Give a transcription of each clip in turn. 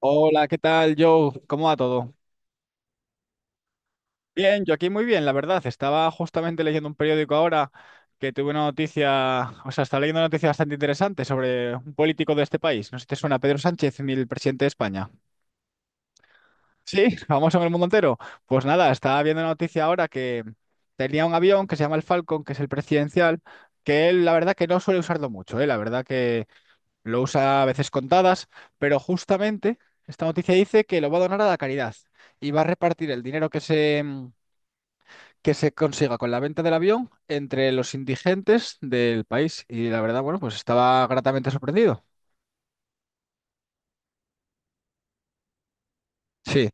Hola, ¿qué tal, Joe? ¿Cómo va todo? Bien, yo aquí muy bien, la verdad. Estaba justamente leyendo un periódico ahora que tuve una noticia, o sea, estaba leyendo una noticia bastante interesante sobre un político de este país. No sé si te suena Pedro Sánchez, el presidente de España. Sí, famoso en el mundo entero. Pues nada, estaba viendo una noticia ahora que tenía un avión que se llama el Falcon, que es el presidencial, que él la verdad que no suele usarlo mucho, ¿eh? La verdad que. Lo usa a veces contadas, pero justamente esta noticia dice que lo va a donar a la caridad y va a repartir el dinero que se consiga con la venta del avión entre los indigentes del país. Y la verdad, bueno, pues estaba gratamente sorprendido. Sí,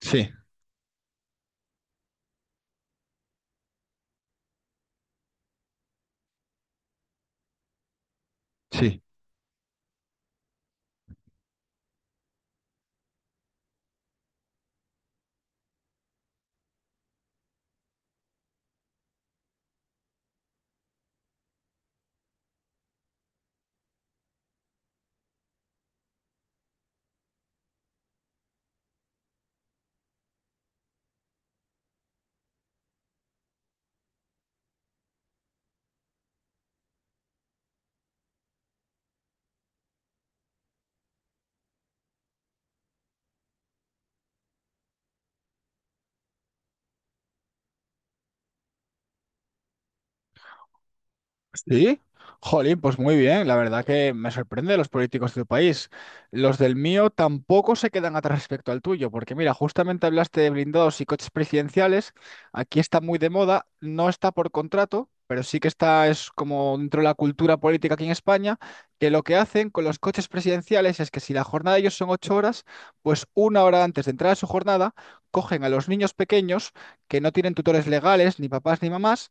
sí, sí. Sí, jolín, pues muy bien. La verdad que me sorprende los políticos de tu país. Los del mío tampoco se quedan atrás respecto al tuyo, porque mira, justamente hablaste de blindados y coches presidenciales. Aquí está muy de moda, no está por contrato, pero sí que está, es como dentro de la cultura política aquí en España, que lo que hacen con los coches presidenciales es que si la jornada de ellos son ocho horas, pues una hora antes de entrar a su jornada, cogen a los niños pequeños que no tienen tutores legales, ni papás ni mamás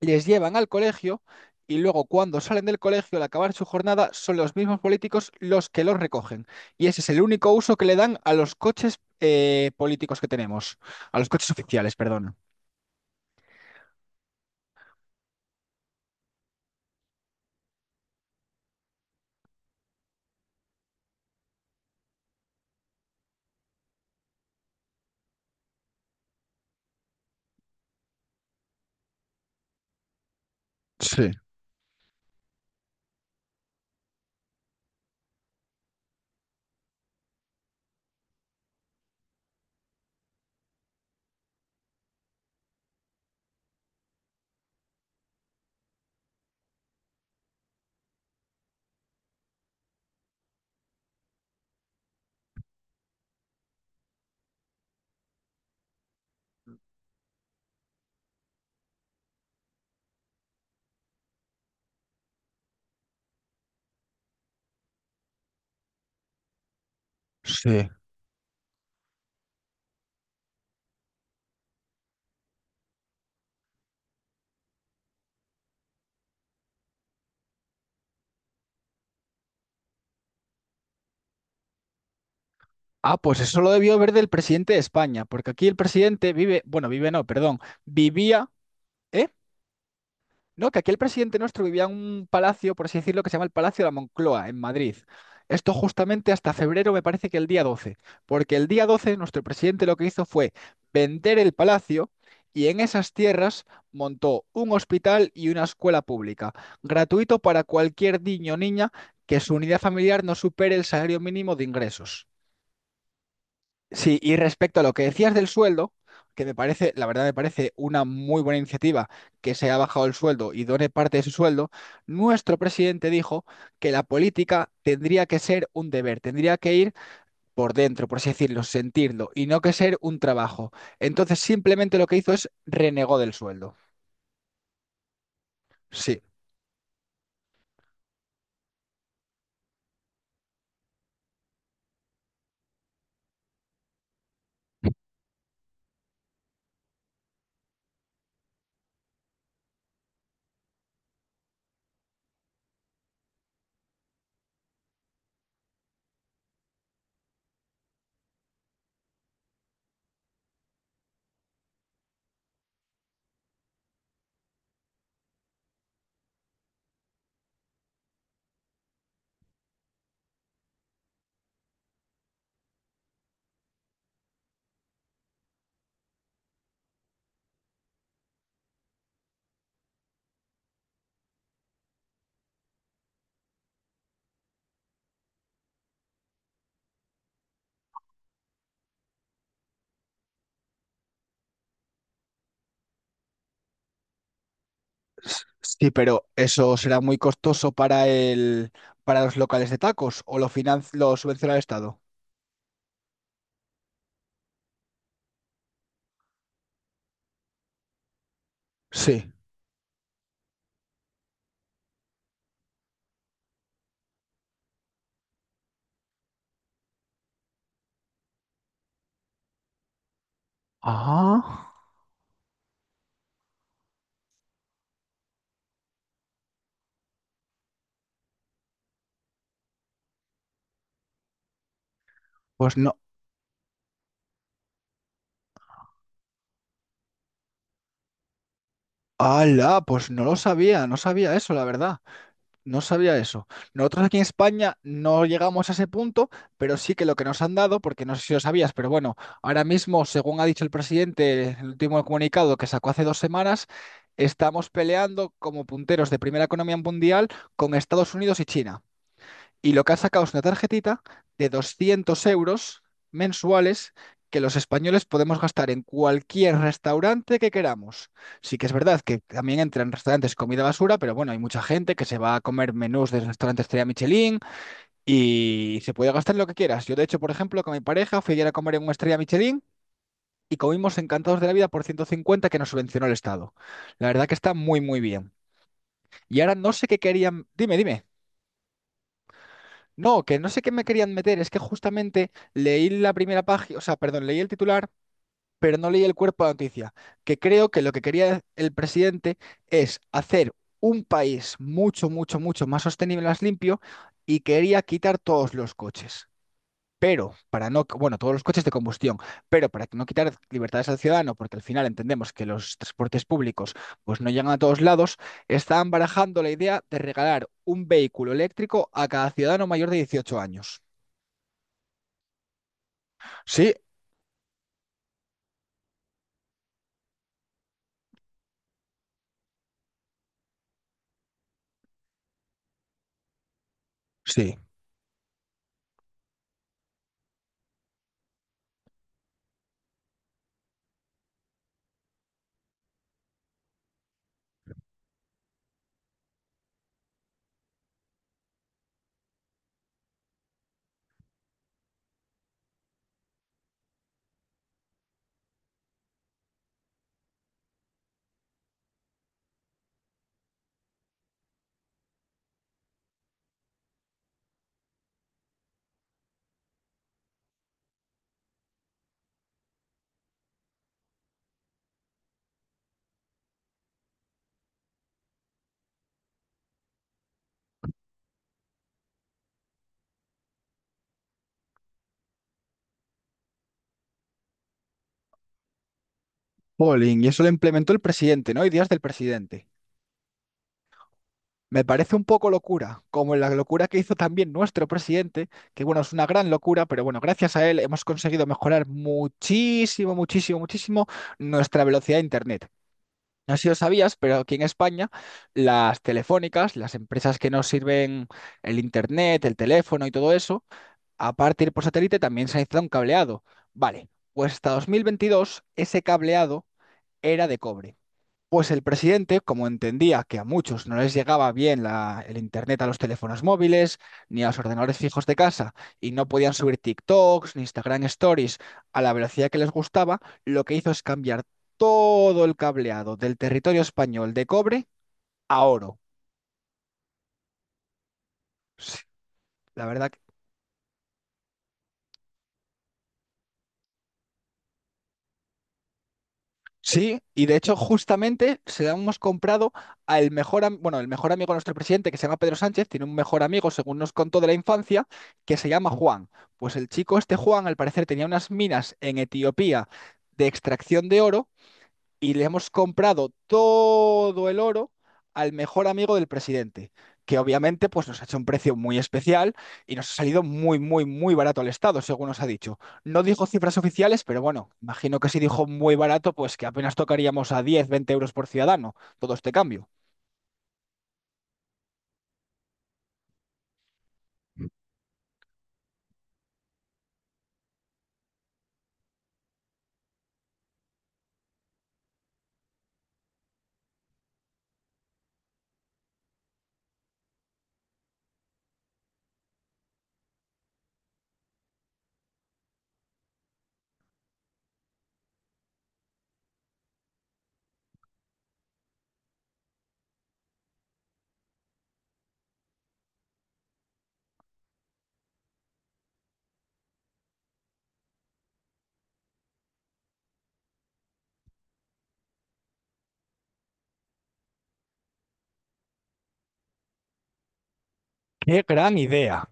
les llevan al colegio y luego cuando salen del colegio al acabar su jornada son los mismos políticos los que los recogen. Y ese es el único uso que le dan a los coches políticos que tenemos, a los coches oficiales, perdón. Sí, sí. Ah, pues eso lo debió ver del presidente de España, porque aquí el presidente vive, bueno, vive no, perdón, vivía, ¿eh? No, que aquí el presidente nuestro vivía en un palacio, por así decirlo, que se llama el Palacio de la Moncloa, en Madrid. Esto justamente hasta febrero, me parece que el día 12, porque el día 12 nuestro presidente lo que hizo fue vender el palacio y en esas tierras montó un hospital y una escuela pública, gratuito para cualquier niño o niña que su unidad familiar no supere el salario mínimo de ingresos. Sí, y respecto a lo que decías del sueldo, que me parece, la verdad me parece una muy buena iniciativa que se ha bajado el sueldo y done parte de su sueldo, nuestro presidente dijo que la política tendría que ser un deber, tendría que ir por dentro, por así decirlo, sentirlo, y no que ser un trabajo. Entonces simplemente lo que hizo es renegó del sueldo. Sí. Sí, pero eso será muy costoso para el, para los locales de tacos o lo lo subvenciona el Estado. Sí. Ah, pues no. ¡Hala! Pues no lo sabía, no sabía eso, la verdad. No sabía eso. Nosotros aquí en España no llegamos a ese punto, pero sí que lo que nos han dado, porque no sé si lo sabías, pero bueno, ahora mismo, según ha dicho el presidente, el último comunicado que sacó hace dos semanas, estamos peleando como punteros de primera economía mundial con Estados Unidos y China y lo que ha sacado es una tarjetita de 200 euros mensuales que los españoles podemos gastar en cualquier restaurante que queramos. Sí que es verdad que también entran en restaurantes comida basura, pero bueno, hay mucha gente que se va a comer menús de restaurantes Estrella Michelin y se puede gastar lo que quieras. Yo, de hecho, por ejemplo, con mi pareja fui ayer a comer en una Estrella Michelin y comimos encantados de la vida por 150 que nos subvencionó el Estado. La verdad que está muy, muy bien. Y ahora no sé qué querían. Dime, dime. No, que no sé qué me querían meter, es que justamente leí la primera página, o sea, perdón, leí el titular, pero no leí el cuerpo de la noticia, que creo que lo que quería el presidente es hacer un país mucho, mucho, mucho más sostenible, más limpio, y quería quitar todos los coches. Pero para no, bueno, todos los coches de combustión, pero para no quitar libertades al ciudadano, porque al final entendemos que los transportes públicos pues no llegan a todos lados, están barajando la idea de regalar un vehículo eléctrico a cada ciudadano mayor de 18 años. Sí, sí. Polling, y eso lo implementó el presidente, ¿no? Ideas del presidente. Me parece un poco locura, como la locura que hizo también nuestro presidente, que bueno, es una gran locura, pero bueno, gracias a él hemos conseguido mejorar muchísimo, muchísimo, muchísimo nuestra velocidad de Internet. No sé si lo sabías, pero aquí en España las telefónicas, las empresas que nos sirven el internet, el teléfono y todo eso, aparte de ir por satélite, también se ha instalado un cableado. Vale, pues hasta 2022 ese cableado era de cobre. Pues el presidente, como entendía que a muchos no les llegaba bien el internet a los teléfonos móviles ni a los ordenadores fijos de casa y no podían subir TikToks ni Instagram Stories a la velocidad que les gustaba, lo que hizo es cambiar todo el cableado del territorio español de cobre a oro. Sí. La verdad. Sí, y de hecho justamente se la hemos comprado al mejor, bueno, el mejor amigo de nuestro presidente, que se llama Pedro Sánchez, tiene un mejor amigo, según nos contó de la infancia, que se llama Juan. Pues el chico este Juan, al parecer, tenía unas minas en Etiopía de extracción de oro y le hemos comprado todo el oro al mejor amigo del presidente, que obviamente pues nos ha hecho un precio muy especial y nos ha salido muy, muy, muy barato al Estado, según nos ha dicho. No dijo cifras oficiales, pero bueno, imagino que si dijo muy barato, pues que apenas tocaríamos a 10, 20 euros por ciudadano, todo este cambio. Qué gran idea.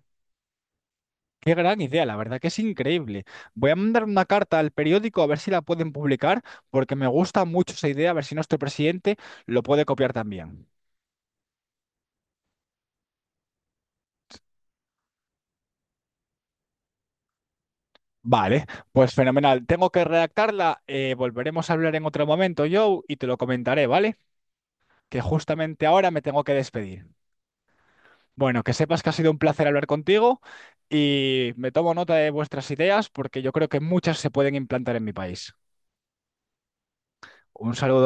Qué gran idea, la verdad que es increíble. Voy a mandar una carta al periódico a ver si la pueden publicar, porque me gusta mucho esa idea, a ver si nuestro presidente lo puede copiar también. Vale, pues fenomenal. Tengo que redactarla. Volveremos a hablar en otro momento, Joe, y te lo comentaré, ¿vale? Que justamente ahora me tengo que despedir. Bueno, que sepas que ha sido un placer hablar contigo y me tomo nota de vuestras ideas porque yo creo que muchas se pueden implantar en mi país. Un saludo.